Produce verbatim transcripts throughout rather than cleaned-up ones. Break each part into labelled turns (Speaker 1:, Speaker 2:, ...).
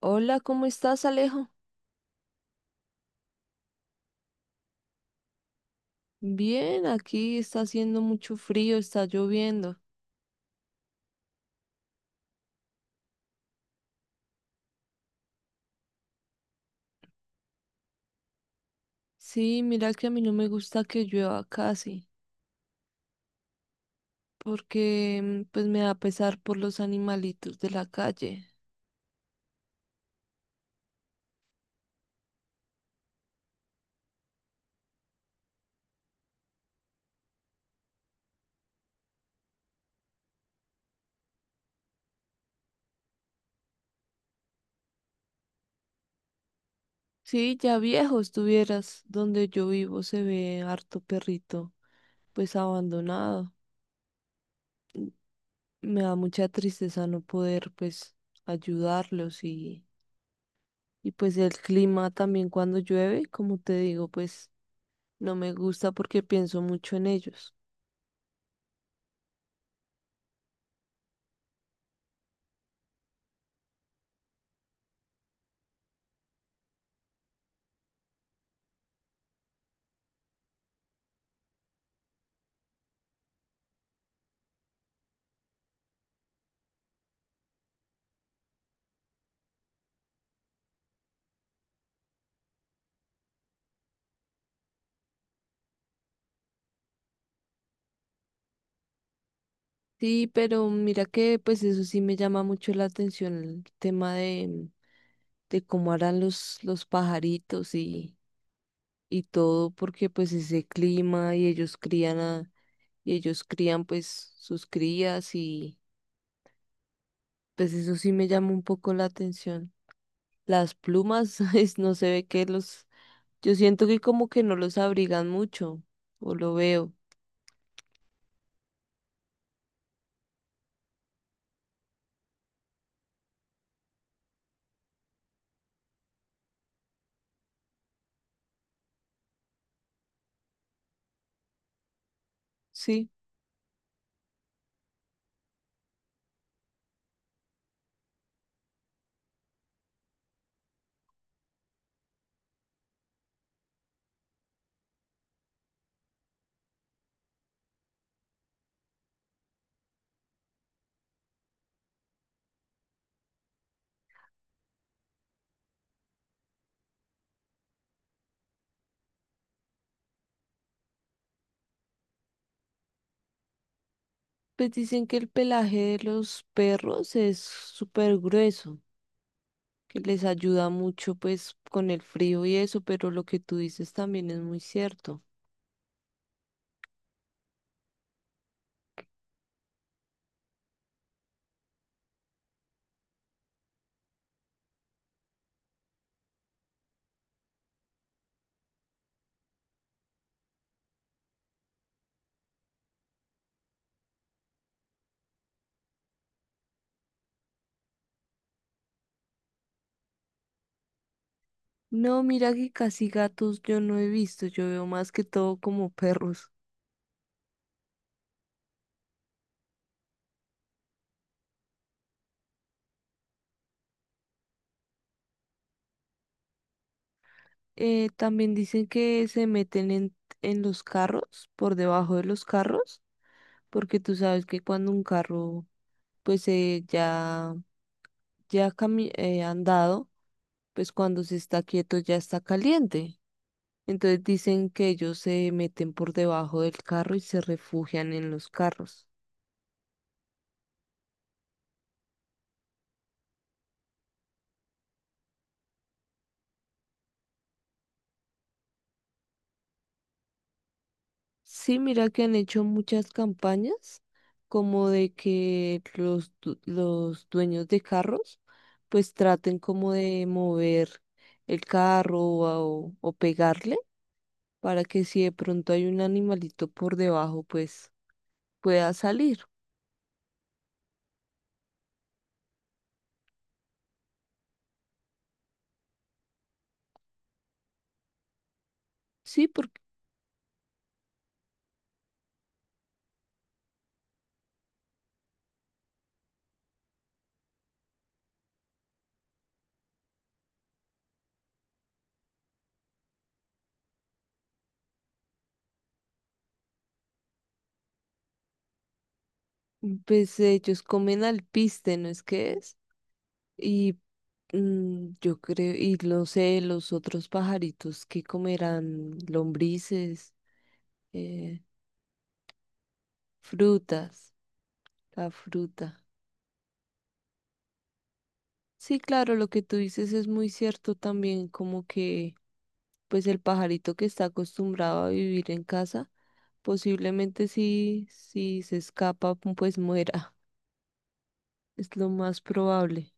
Speaker 1: Hola, ¿cómo estás, Alejo? Bien, aquí está haciendo mucho frío, está lloviendo. Sí, mira que a mí no me gusta que llueva casi, porque mm, pues me da pesar por los animalitos de la calle. Sí, ya viejo estuvieras, donde yo vivo se ve harto perrito, pues abandonado. Me da mucha tristeza no poder pues ayudarlos y, y pues el clima también cuando llueve, como te digo, pues no me gusta porque pienso mucho en ellos. Sí, pero mira que pues eso sí me llama mucho la atención, el tema de, de cómo harán los, los pajaritos y, y todo, porque pues ese clima y ellos crían a, y ellos crían pues sus crías y pues eso sí me llama un poco la atención. Las plumas, es- no se ve que los, yo siento que como que no los abrigan mucho, o lo veo, sí. Pues dicen que el pelaje de los perros es súper grueso, que les ayuda mucho pues con el frío y eso, pero lo que tú dices también es muy cierto. No, mira que casi gatos yo no he visto, yo veo más que todo como perros. Eh, también dicen que se meten en, en los carros, por debajo de los carros, porque tú sabes que cuando un carro pues eh, ya, ya cami- eh, andado, pues cuando se está quieto ya está caliente. Entonces dicen que ellos se meten por debajo del carro y se refugian en los carros. Sí, mira que han hecho muchas campañas como de que los, du- los dueños de carros pues traten como de mover el carro o, o pegarle para que si de pronto hay un animalito por debajo pues pueda salir. Sí, porque pues ellos comen alpiste, ¿no es que es? Y mm, yo creo, y no sé, los otros pajaritos que comerán lombrices, eh, frutas, la fruta. Sí, claro, lo que tú dices es muy cierto también, como que pues el pajarito que está acostumbrado a vivir en casa, posiblemente si, si se escapa, pues muera. Es lo más probable.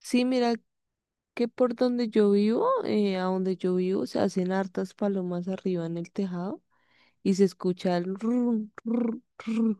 Speaker 1: Sí, mira que por donde yo vivo, eh, a donde yo vivo, se hacen hartas palomas arriba en el tejado, y se escucha el rum, rum, rum.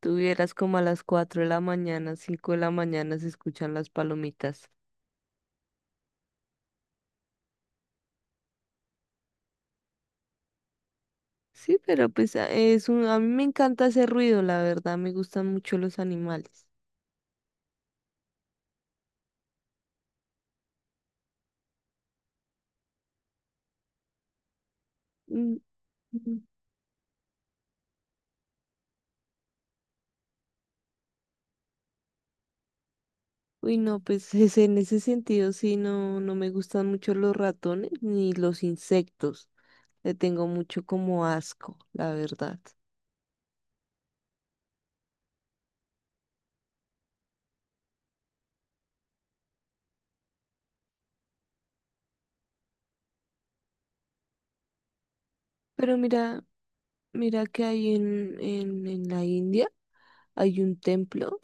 Speaker 1: Tú como a las cuatro de la mañana, cinco de la mañana se escuchan las palomitas. Sí, pero pues a- es un, a mí me encanta ese ruido, la verdad, me gustan mucho los animales. Mm, mm. Uy, no, pues es- en ese sentido sí, no, no me gustan mucho los ratones ni los insectos. Le tengo mucho como asco, la verdad. Pero mira, mira que hay en, en, en la India hay un templo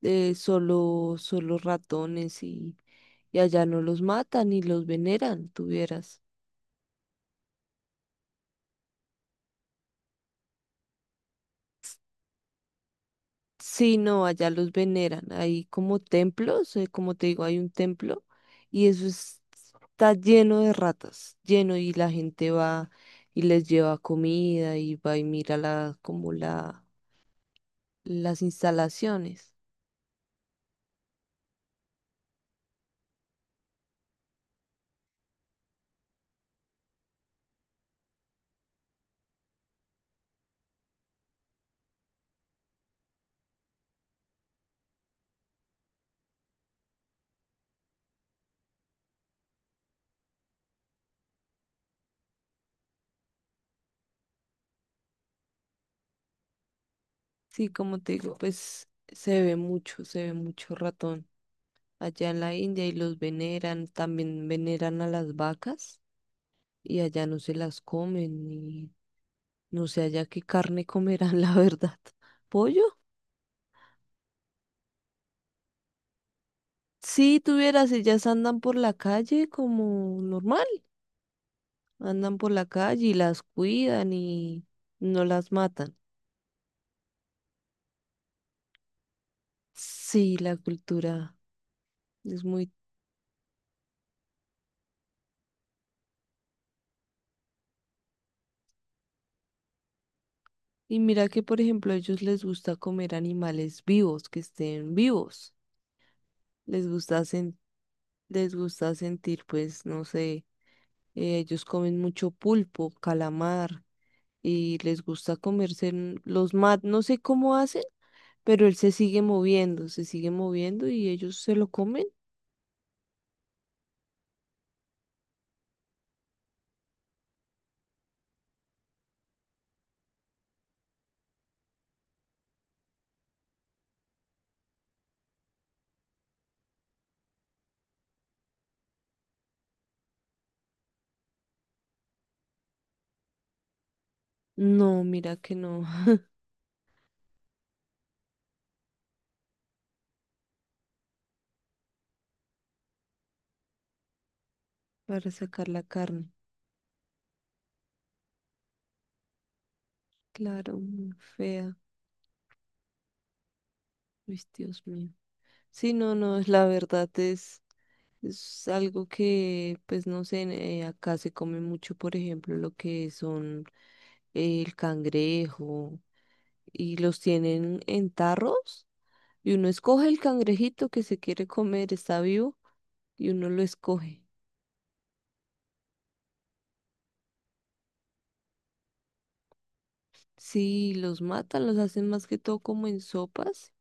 Speaker 1: de solo, solo ratones y, y allá no los matan y los veneran, tuvieras. Sí, no, allá los veneran. Hay como templos, eh, como te digo, hay un templo y eso es- está lleno de ratas, lleno y la gente va y les lleva comida y va y mira la, como la, las instalaciones. Sí, como te digo, pues se ve mucho, se ve mucho ratón. Allá en la India y los veneran, también veneran a las vacas y allá no se las comen y no sé allá qué carne comerán, la verdad. ¿Pollo? Sí, tuvieras, ellas andan por la calle como normal, andan por la calle y las cuidan y no las matan. Sí, la cultura es muy... Y mira que, por ejemplo, a ellos les gusta comer animales vivos, que estén vivos. Les gusta, sen- les gusta sentir, pues, no sé, eh, ellos comen mucho pulpo, calamar, y les gusta comerse en- los mat, no sé cómo hacen, pero él se sigue moviendo, se sigue moviendo y ellos se lo comen. No, mira que no, para sacar la carne. Claro, muy fea. Uy, Dios mío. Sí, no, no, es la verdad es, es algo que, pues no sé, en- eh, acá se come mucho, por ejemplo, lo que son eh, el cangrejo y los tienen en tarros. Y uno escoge el cangrejito que se quiere comer, está vivo, y uno lo escoge. Sí, los matan, los hacen más que todo como en sopas.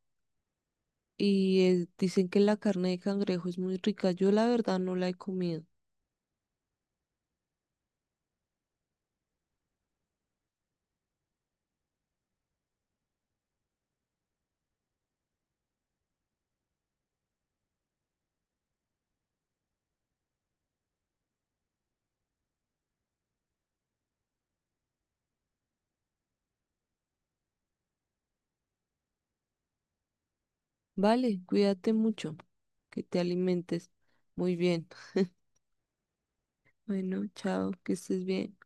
Speaker 1: Y eh, dicen que la carne de cangrejo es muy rica. Yo la verdad no la he comido. Vale, cuídate mucho, que te alimentes muy bien. Bueno, chao, que estés bien.